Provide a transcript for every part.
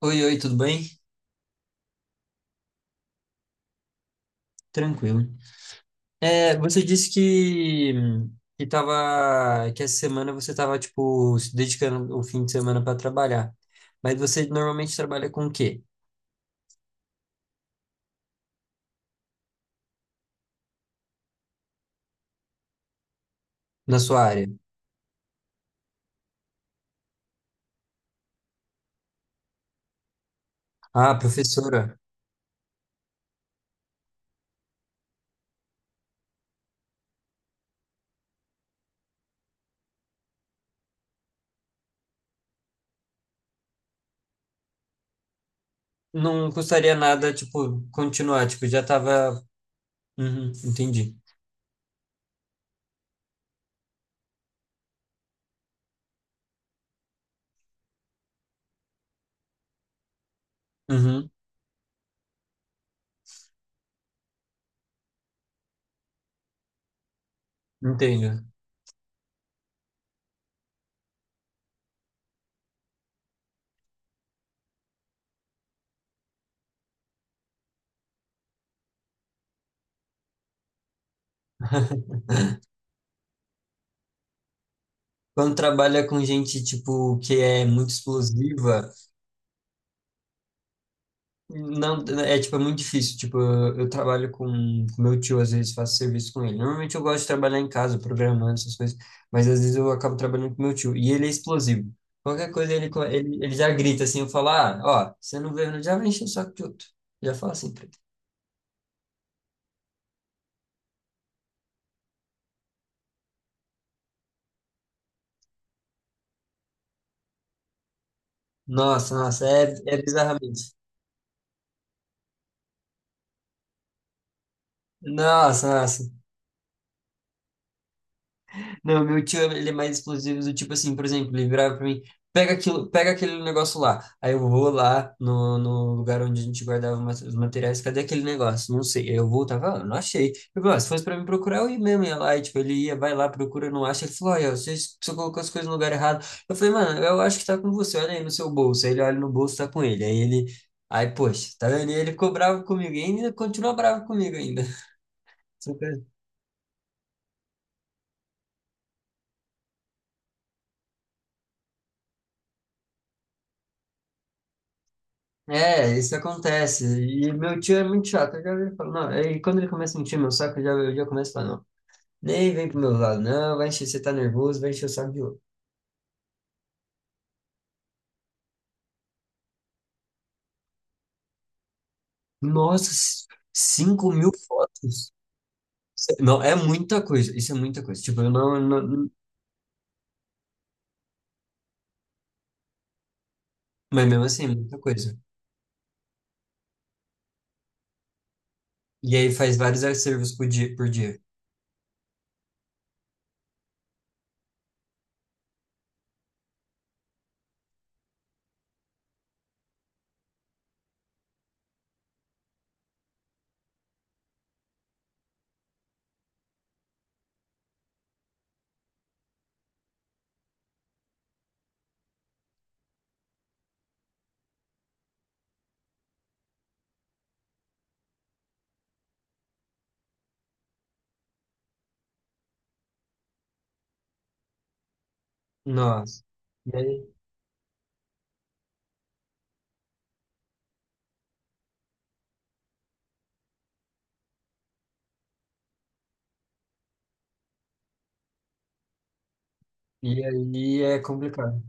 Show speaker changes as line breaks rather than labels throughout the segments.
Oi, oi, tudo bem? Tranquilo. É, você disse que essa semana você estava tipo, se dedicando o fim de semana para trabalhar. Mas você normalmente trabalha com o quê na sua área? Ah, professora. Não custaria nada, tipo, continuar, tipo, já estava. Uhum, entendi. Uhum, entendo. Quando trabalha com gente, tipo, que é muito explosiva. Não, é tipo, é muito difícil. Tipo, eu trabalho com meu tio, às vezes faço serviço com ele. Normalmente eu gosto de trabalhar em casa, programando essas coisas, mas às vezes eu acabo trabalhando com meu tio. E ele é explosivo. Qualquer coisa ele já grita assim, eu falo, ah, ó, você não veio, já vai encher o saco de outro. Já fala assim pra ele. Nossa, nossa, é bizarramente. Nossa, nossa. Não, meu tio, ele é mais explosivo do tipo assim, por exemplo, ele virava pra mim, pega aquilo, pega aquele negócio lá. Aí eu vou lá no lugar onde a gente guardava os materiais, cadê aquele negócio? Não sei. Aí eu voltava, ah, não achei. Eu falei, ah, se fosse pra mim procurar, eu ia mesmo, ia lá, e, tipo, ele ia, vai lá, procura, não acha. Ele falou, olha, você colocou as coisas no lugar errado. Eu falei, mano, eu acho que tá com você, olha aí no seu bolso. Aí ele olha no bolso, tá com ele. Aí, poxa, tá vendo? E ele ficou bravo comigo, e ainda continua bravo comigo ainda. É, isso acontece. E meu tio é muito chato. Eu já vi, falo, não. E quando ele começa a encher meu saco, eu já começo a falar, não. Nem vem pro meu lado, não. Vai encher, você tá nervoso, vai encher o saco de outro. Nossa, 5 mil fotos? Não, é muita coisa. Isso é muita coisa. Tipo, eu não, não- não- Mas mesmo assim, é muita coisa. E aí faz vários acervos por dia, por dia. Nossa. E aí, e aí é complicado.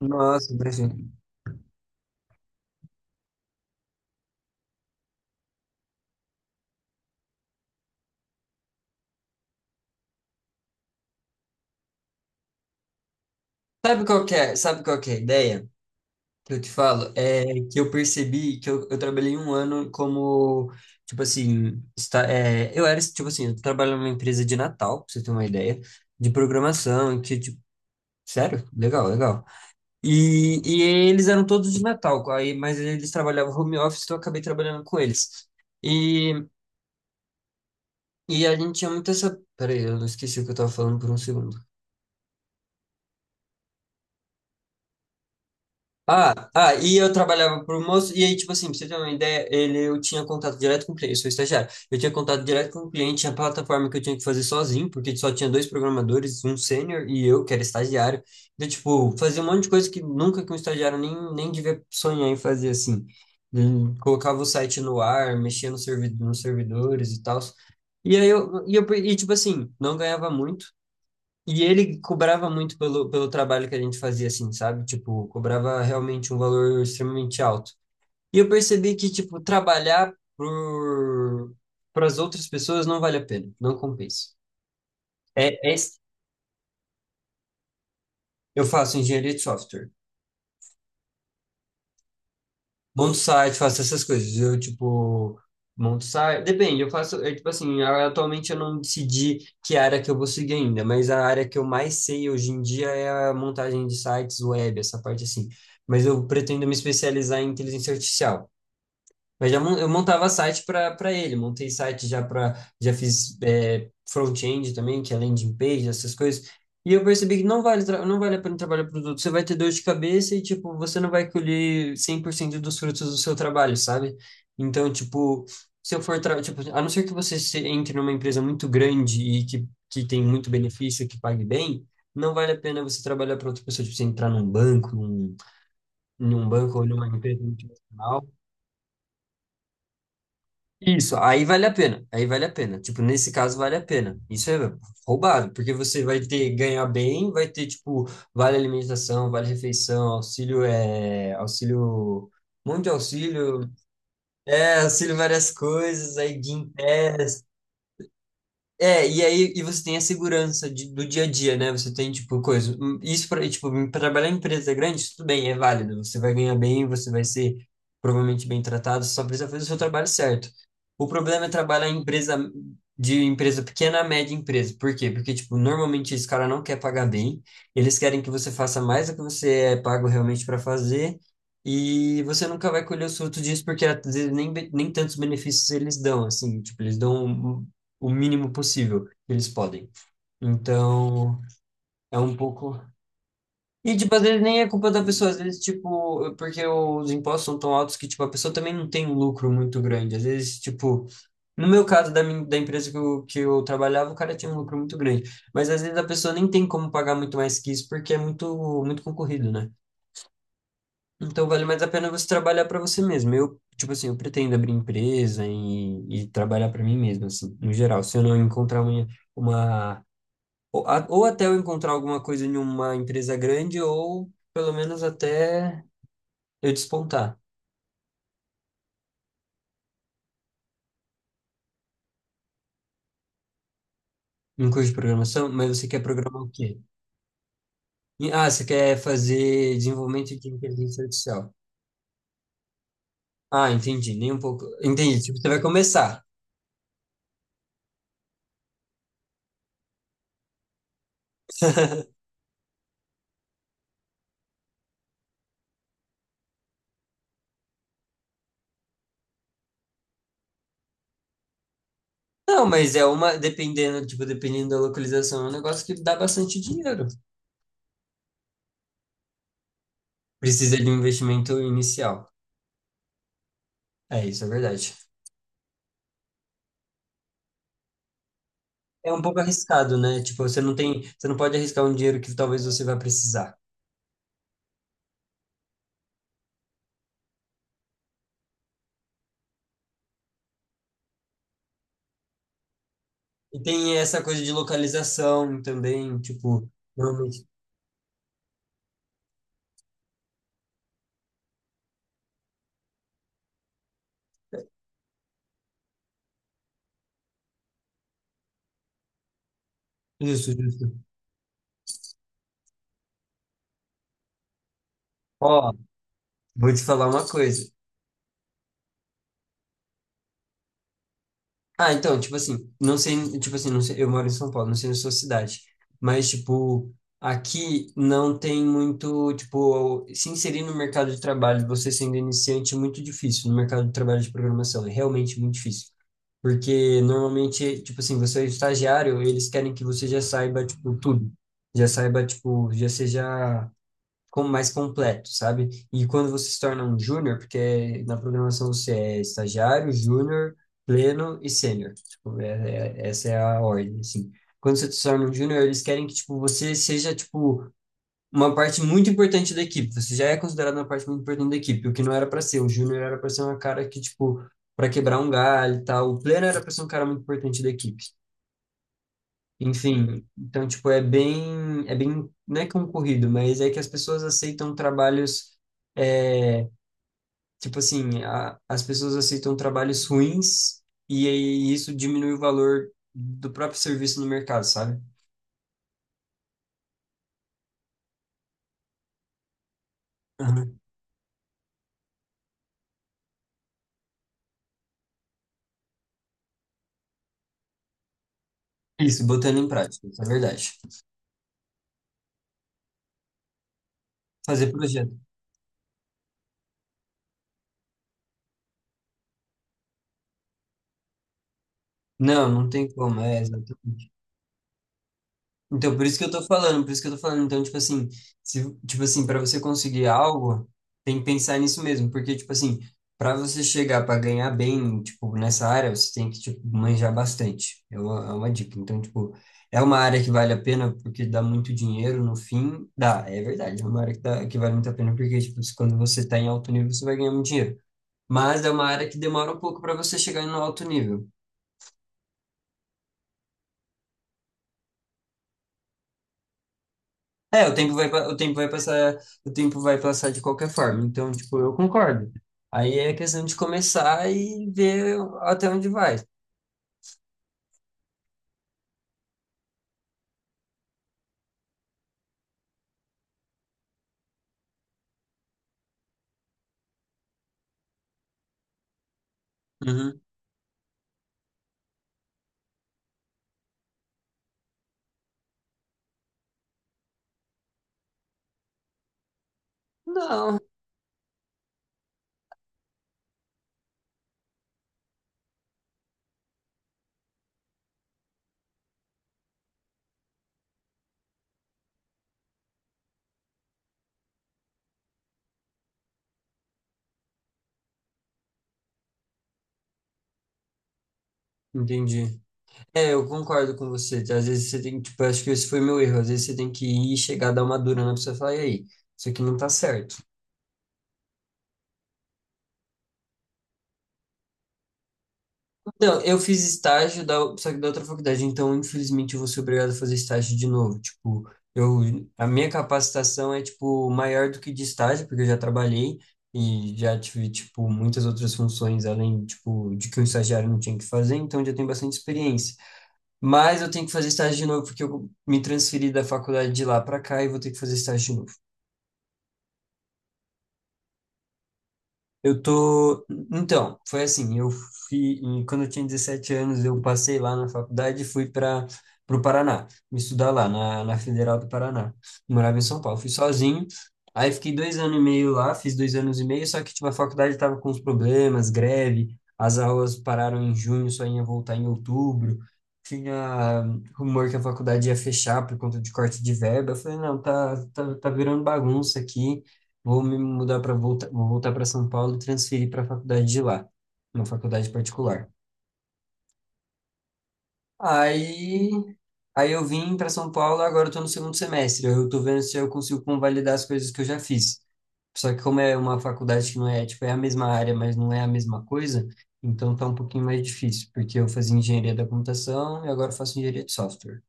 Nossa, imagina. Sabe qual que é? Sabe qual que é a ideia? Que eu te falo é que eu percebi que eu trabalhei um ano como, tipo assim, está, é, eu era, tipo assim, eu trabalho numa empresa de Natal, pra você ter uma ideia, de programação, que, tipo, sério? Legal, legal. E eles eram todos de Natal, aí, mas eles trabalhavam home office, então eu acabei trabalhando com eles. E, e a gente tinha muito essa. Peraí, eu não esqueci o que eu tava falando por um segundo. Ah, ah, e eu trabalhava pro moço, e aí, tipo assim, pra você ter uma ideia, eu tinha contato direto com o cliente, eu sou estagiário, eu tinha contato direto com o cliente, tinha plataforma que eu tinha que fazer sozinho, porque só tinha dois programadores, um sênior e eu, que era estagiário, então, tipo, fazia um monte de coisa que nunca que um estagiário nem devia sonhar em fazer, assim, colocava o site no ar, mexia no nos servidores e tal, e aí eu, e tipo assim, não ganhava muito, e ele cobrava muito pelo trabalho que a gente fazia, assim, sabe? Tipo, cobrava realmente um valor extremamente alto. E eu percebi que, tipo, trabalhar para as outras pessoas não vale a pena, não compensa. É, é, eu faço engenharia de software. Monto site, faço essas coisas. Eu, tipo, monto site. Depende, eu faço. É, tipo assim, atualmente eu não decidi que área que eu vou seguir ainda, mas a área que eu mais sei hoje em dia é a montagem de sites web, essa parte assim. Mas eu pretendo me especializar em inteligência artificial. Mas eu montava site para ele, montei site já para, já fiz front-end também, que é landing page, essas coisas. E eu percebi que não vale a pena trabalhar produto. Você vai ter dor de cabeça e, tipo, você não vai colher 100% dos frutos do seu trabalho, sabe? Então, tipo, se eu for, tra- tipo, a não ser que você entre numa empresa muito grande e que tem muito benefício, que pague bem, não vale a pena você trabalhar para outra pessoa, tipo, você entrar num banco, num banco ou numa empresa multinacional. Isso, aí vale a pena, aí vale a pena. Tipo, nesse caso vale a pena. Isso é roubado, porque você vai ter ganhar bem, vai ter tipo vale alimentação, vale refeição, auxílio é auxílio, um monte de auxílio, é auxílio várias coisas, aí Guinpe é, e aí e você tem a segurança do dia a dia, né? Você tem, tipo, coisa. Isso tipo, pra trabalhar em empresa grande, isso tudo bem, é válido. Você vai ganhar bem, você vai ser provavelmente bem tratado, você só precisa fazer o seu trabalho certo. O problema é trabalhar em empresa de empresa pequena a média empresa. Por quê? Porque, tipo, normalmente esse cara não quer pagar bem, eles querem que você faça mais do que você é pago realmente para fazer. E você nunca vai colher os frutos disso, porque às vezes nem tantos benefícios eles dão, assim, tipo, eles dão o mínimo possível que eles podem. Então, é um pouco. E, tipo, às vezes nem é culpa da pessoa, às vezes, tipo, porque os impostos são tão altos que, tipo, a pessoa também não tem um lucro muito grande. Às vezes, tipo, no meu caso, da empresa que eu trabalhava, o cara tinha um lucro muito grande. Mas às vezes a pessoa nem tem como pagar muito mais que isso porque é muito, muito concorrido, né? Então vale mais a pena você trabalhar para você mesmo. Eu, tipo assim, eu pretendo abrir empresa e trabalhar para mim mesmo, assim, no geral. Se eu não encontrar uma, uma ou até eu encontrar alguma coisa em uma empresa grande, ou pelo menos até eu despontar em curso de programação. Mas você quer programar o quê? Ah, você quer fazer desenvolvimento de inteligência artificial. Ah, entendi, nem um pouco. Entendi, tipo, você vai começar. Não, mas dependendo, tipo, dependendo da localização, é um negócio que dá bastante dinheiro. Precisa de um investimento inicial. É isso, é verdade. É um pouco arriscado, né? Tipo, você não pode arriscar um dinheiro que talvez você vá precisar. E tem essa coisa de localização também, tipo, realmente. Isso, justo. Ó, vou te falar uma coisa. Ah, então, tipo assim, não sei, eu moro em São Paulo, não sei na sua cidade, mas, tipo, aqui não tem muito, tipo, se inserir no mercado de trabalho, você sendo iniciante, é muito difícil, no mercado de trabalho de programação, é realmente muito difícil. Porque normalmente, tipo assim, você é estagiário, eles querem que você já saiba, tipo, tudo. Já saiba, tipo, já seja como mais completo, sabe? E quando você se torna um júnior, porque na programação você é estagiário, júnior, pleno e sênior. Tipo, essa é a ordem, assim. Quando você se torna um júnior, eles querem que, tipo, você seja, tipo, uma parte muito importante da equipe. Você já é considerado uma parte muito importante da equipe, o que não era para ser. O júnior era para ser uma cara que, tipo, para quebrar um galho e tal. O pleno era para ser um cara muito importante da equipe. Enfim, então, tipo, é bem, não é concorrido, mas é que as pessoas aceitam trabalhos, é, tipo assim, a- as pessoas aceitam trabalhos ruins e aí isso diminui o valor do próprio serviço no mercado, sabe? Aham. Isso, botando em prática, isso é verdade. Fazer projeto. Não, não tem como, é exatamente. Então, por isso que eu tô falando, por isso que eu tô falando. Então, tipo assim, se, tipo assim, para você conseguir algo, tem que pensar nisso mesmo, porque, tipo assim, para você chegar para ganhar bem, tipo, nessa área, você tem que, tipo, manjar bastante. É uma dica. Então, tipo, é uma área que vale a pena porque dá muito dinheiro no fim. Dá, é verdade. É uma área que vale muito a pena porque, tipo, quando você tá em alto nível, você vai ganhar muito dinheiro. Mas é uma área que demora um pouco para você chegar no alto nível. É, o tempo vai passar, o tempo vai passar de qualquer forma. Então, tipo, eu concordo. Aí é questão de começar e ver até onde vai. Uhum. Não, entendi. É, eu concordo com você. Às vezes você tem que, tipo, acho que esse foi meu erro. Às vezes você tem que ir, chegar, dar uma dura na pessoa e falar, e aí, isso aqui não tá certo. Não, eu fiz estágio só que da outra faculdade, então infelizmente eu vou ser obrigado a fazer estágio de novo. Tipo, a minha capacitação é tipo maior do que de estágio, porque eu já trabalhei e já tive tipo muitas outras funções além tipo de que um estagiário não tinha que fazer, então eu já tenho bastante experiência. Mas eu tenho que fazer estágio de novo porque eu me transferi da faculdade de lá para cá e vou ter que fazer estágio de novo. Eu tô. Então, foi assim, Quando eu tinha 17 anos, eu passei lá na faculdade e fui para o Paraná, me estudar lá, na Federal do Paraná. Morava em São Paulo, fui sozinho. Aí fiquei 2 anos e meio lá, fiz 2 anos e meio, só que tipo, a faculdade estava com uns problemas, greve, as aulas pararam em junho, só ia voltar em outubro. Tinha rumor que a faculdade ia fechar por conta de corte de verba. Eu falei, não, tá, virando bagunça aqui. Vou me mudar para voltar, vou voltar para São Paulo e transferir para a faculdade de lá, uma faculdade particular. Aí, aí, eu vim para São Paulo, agora eu tô no segundo semestre. Eu tô vendo se eu consigo convalidar as coisas que eu já fiz. Só que como é uma faculdade que não é, tipo, é a mesma área, mas não é a mesma coisa, então tá um pouquinho mais difícil, porque eu fazia engenharia da computação e agora eu faço engenharia de software.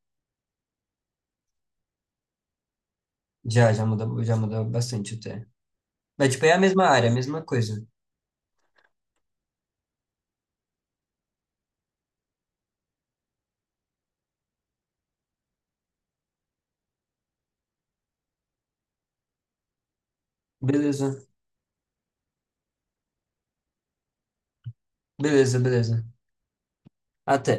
Já, muda já muda bastante até. Mas, tipo, é a mesma área, a mesma coisa. Beleza, beleza, beleza. Até.